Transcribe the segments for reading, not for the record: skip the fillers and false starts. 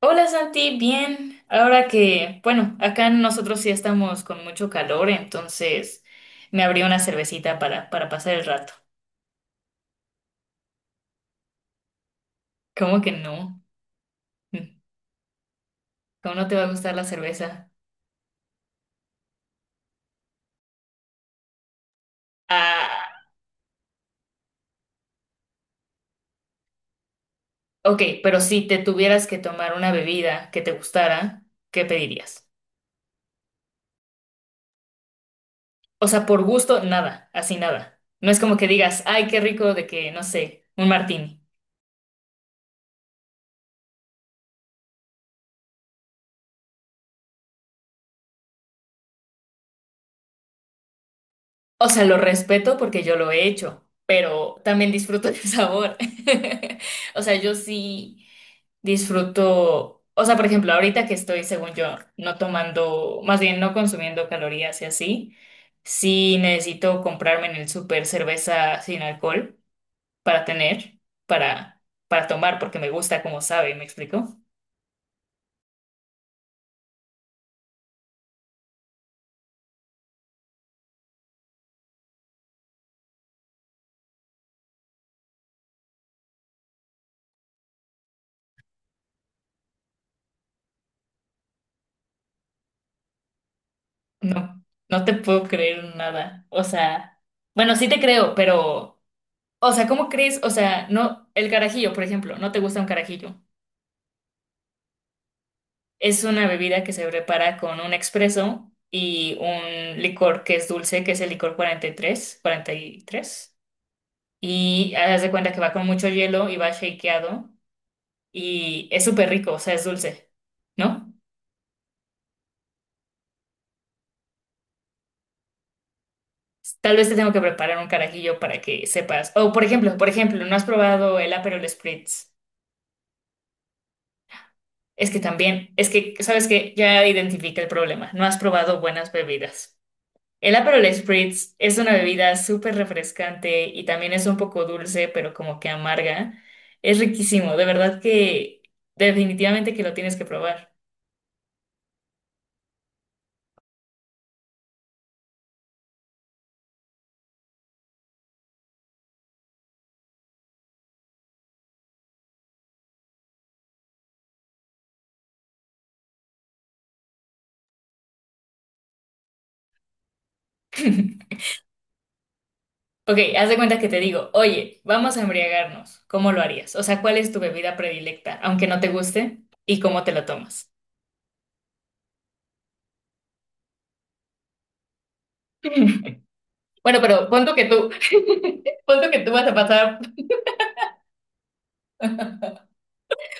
Hola Santi, bien. Ahora que, bueno, acá nosotros sí estamos con mucho calor, entonces me abrí una cervecita para pasar el rato. ¿Cómo que no? Mm. ¿Cómo no te va a gustar la cerveza? Ah, ok, pero si te tuvieras que tomar una bebida que te gustara, ¿qué pedirías? O sea, por gusto, nada, así nada. No es como que digas, ay, qué rico de que, no sé, un martini. O sea, lo respeto porque yo lo he hecho, pero también disfruto el sabor. O sea, yo sí disfruto, o sea, por ejemplo, ahorita que estoy, según yo, no tomando, más bien no consumiendo calorías y así, sí necesito comprarme en el súper cerveza sin alcohol para tener, para, para tomar, porque me gusta como sabe, ¿me explico? No, no te puedo creer nada. O sea, bueno, sí te creo, pero... O sea, ¿cómo crees? O sea, no, el carajillo, por ejemplo, no te gusta un carajillo. Es una bebida que se prepara con un expreso y un licor que es dulce, que es el licor 43, 43. Y tres. Y haz de cuenta que va con mucho hielo y va shakeado y es súper rico, o sea, es dulce, ¿no? Tal vez te tengo que preparar un carajillo para que sepas. O, por ejemplo, ¿no has probado el Aperol Spritz? Es que también, ¿sabes que Ya identifica el problema. No has probado buenas bebidas. El Aperol Spritz es una bebida súper refrescante y también es un poco dulce, pero como que amarga. Es riquísimo, de verdad que definitivamente que lo tienes que probar. Ok, haz de cuenta que te digo, oye, vamos a embriagarnos. ¿Cómo lo harías? O sea, ¿cuál es tu bebida predilecta, aunque no te guste, y cómo te lo tomas? Bueno, pero pon tú que tú, pon tú que tú vas a pasar,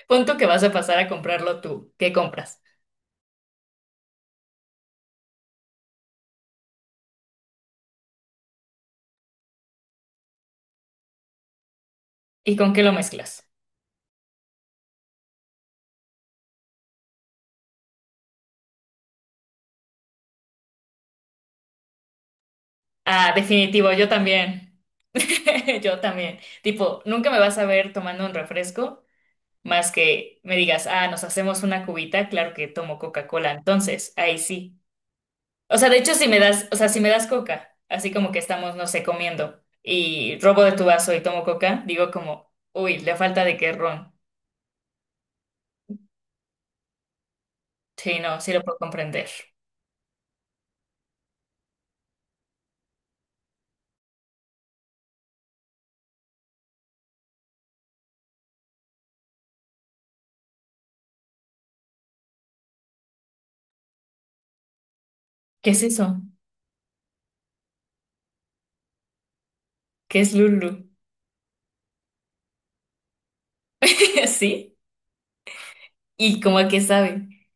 pon tú que vas a pasar a comprarlo tú. ¿Qué compras? ¿Y con qué lo mezclas? Ah, definitivo, yo también. Yo también. Tipo, nunca me vas a ver tomando un refresco más que me digas, ah, nos hacemos una cubita, claro que tomo Coca-Cola, entonces, ahí sí. O sea, de hecho, si me das, o sea, si me das Coca, así como que estamos, no sé, comiendo y robo de tu vaso y tomo Coca, digo como, uy, le falta de qué ron. Sí, no, sí lo puedo comprender. ¿Qué es eso? ¿Qué es Lulu? ¿Sí? ¿Y cómo a qué sabe?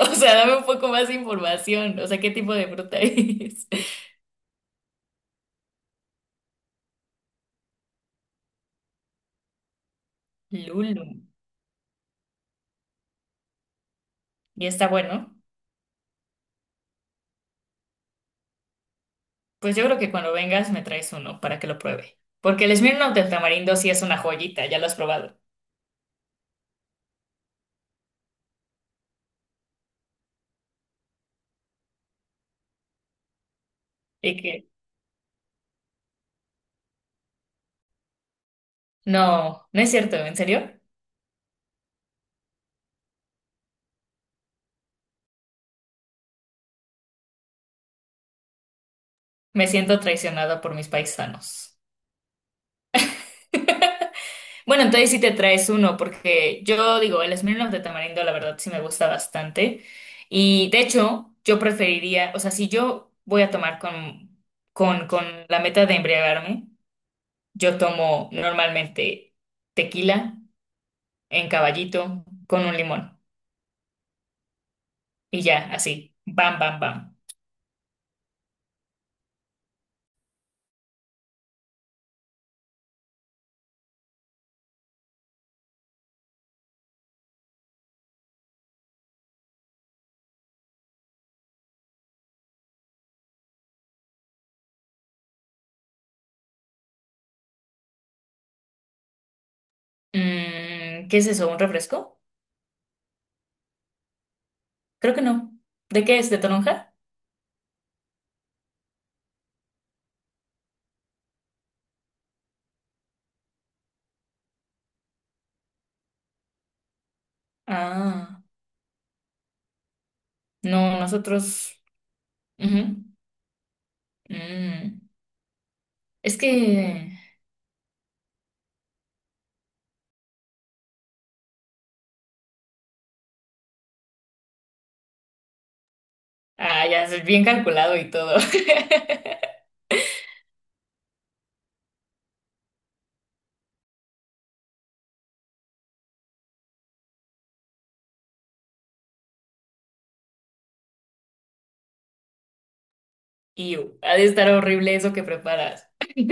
O sea, dame un poco más de información. O sea, ¿qué tipo de fruta es? Lulu. ¿Y está bueno? Pues yo creo que cuando vengas me traes uno para que lo pruebe. Porque el Smirnoff del tamarindo sí es una joyita, ya lo has probado. Y que, no, no es cierto, ¿en serio? Me siento traicionada por mis paisanos. Bueno, entonces sí te traes uno, porque yo digo, el Smirnoff de tamarindo la verdad sí me gusta bastante. Y de hecho, yo preferiría, o sea, si yo voy a tomar con, con la meta de embriagarme, yo tomo normalmente tequila en caballito con un limón. Y ya, así. Bam, bam, bam. Mm, ¿qué es eso? ¿Un refresco? Creo que no. ¿De qué es? ¿De toronja? Ah, no, nosotros. Ujú. Mm. Es que. Ah, ya, es bien calculado y todo. Y ha de estar horrible eso que preparas.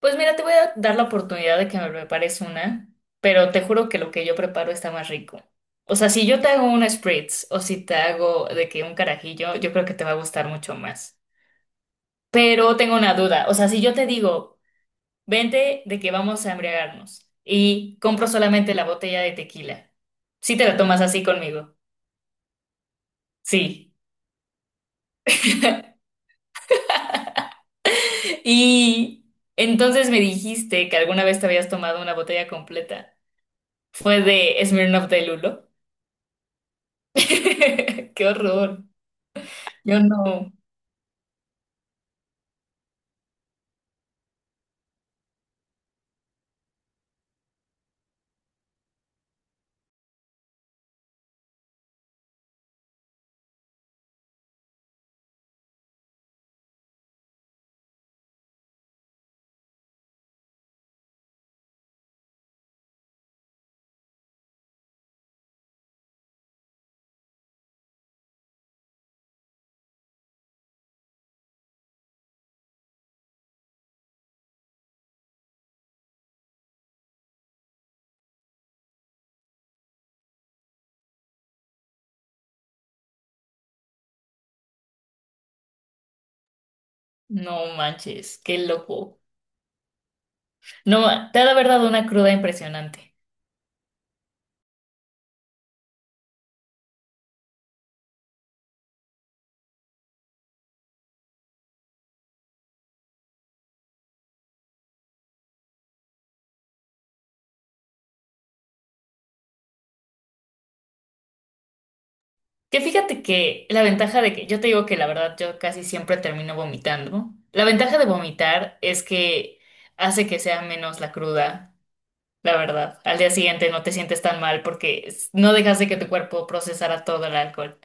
Pues mira, te voy a dar la oportunidad de que me prepares una, pero te juro que lo que yo preparo está más rico. O sea, si yo te hago una spritz o si te hago de que un carajillo, yo creo que te va a gustar mucho más. Pero tengo una duda, o sea, si yo te digo, vente de que vamos a embriagarnos y compro solamente la botella de tequila, ¿si te la tomas así conmigo? Sí. Y entonces me dijiste que alguna vez te habías tomado una botella completa. ¿Fue de Smirnoff de Lulo? ¡Qué horror! Yo no, no manches, qué loco. No, te ha de haber dado una cruda impresionante. Que fíjate que la ventaja de que yo te digo que la verdad yo casi siempre termino vomitando. La ventaja de vomitar es que hace que sea menos la cruda, la verdad. Al día siguiente no te sientes tan mal porque es- no dejas de que tu cuerpo procesara todo el alcohol.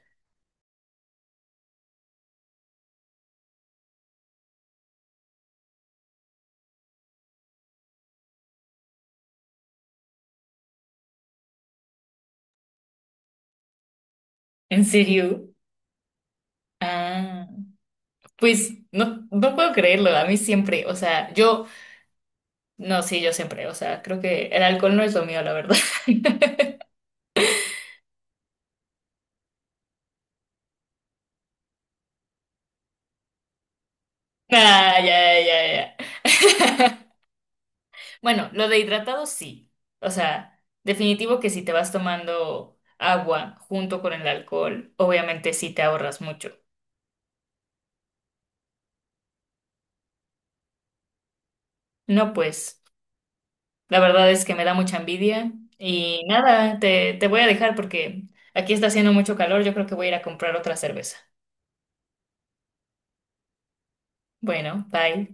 ¿En serio? Ah, pues no, no puedo creerlo. A mí siempre, o sea, yo, no, sí, yo siempre, o sea, creo que el alcohol no es lo mío, la verdad. Ah, ya, ya, ya. Bueno, lo de hidratado sí. O sea, definitivo que si te vas tomando agua junto con el alcohol, obviamente sí te ahorras mucho. No, pues, la verdad es que me da mucha envidia. Y nada, te voy a dejar porque aquí está haciendo mucho calor. Yo creo que voy a ir a comprar otra cerveza. Bueno, bye.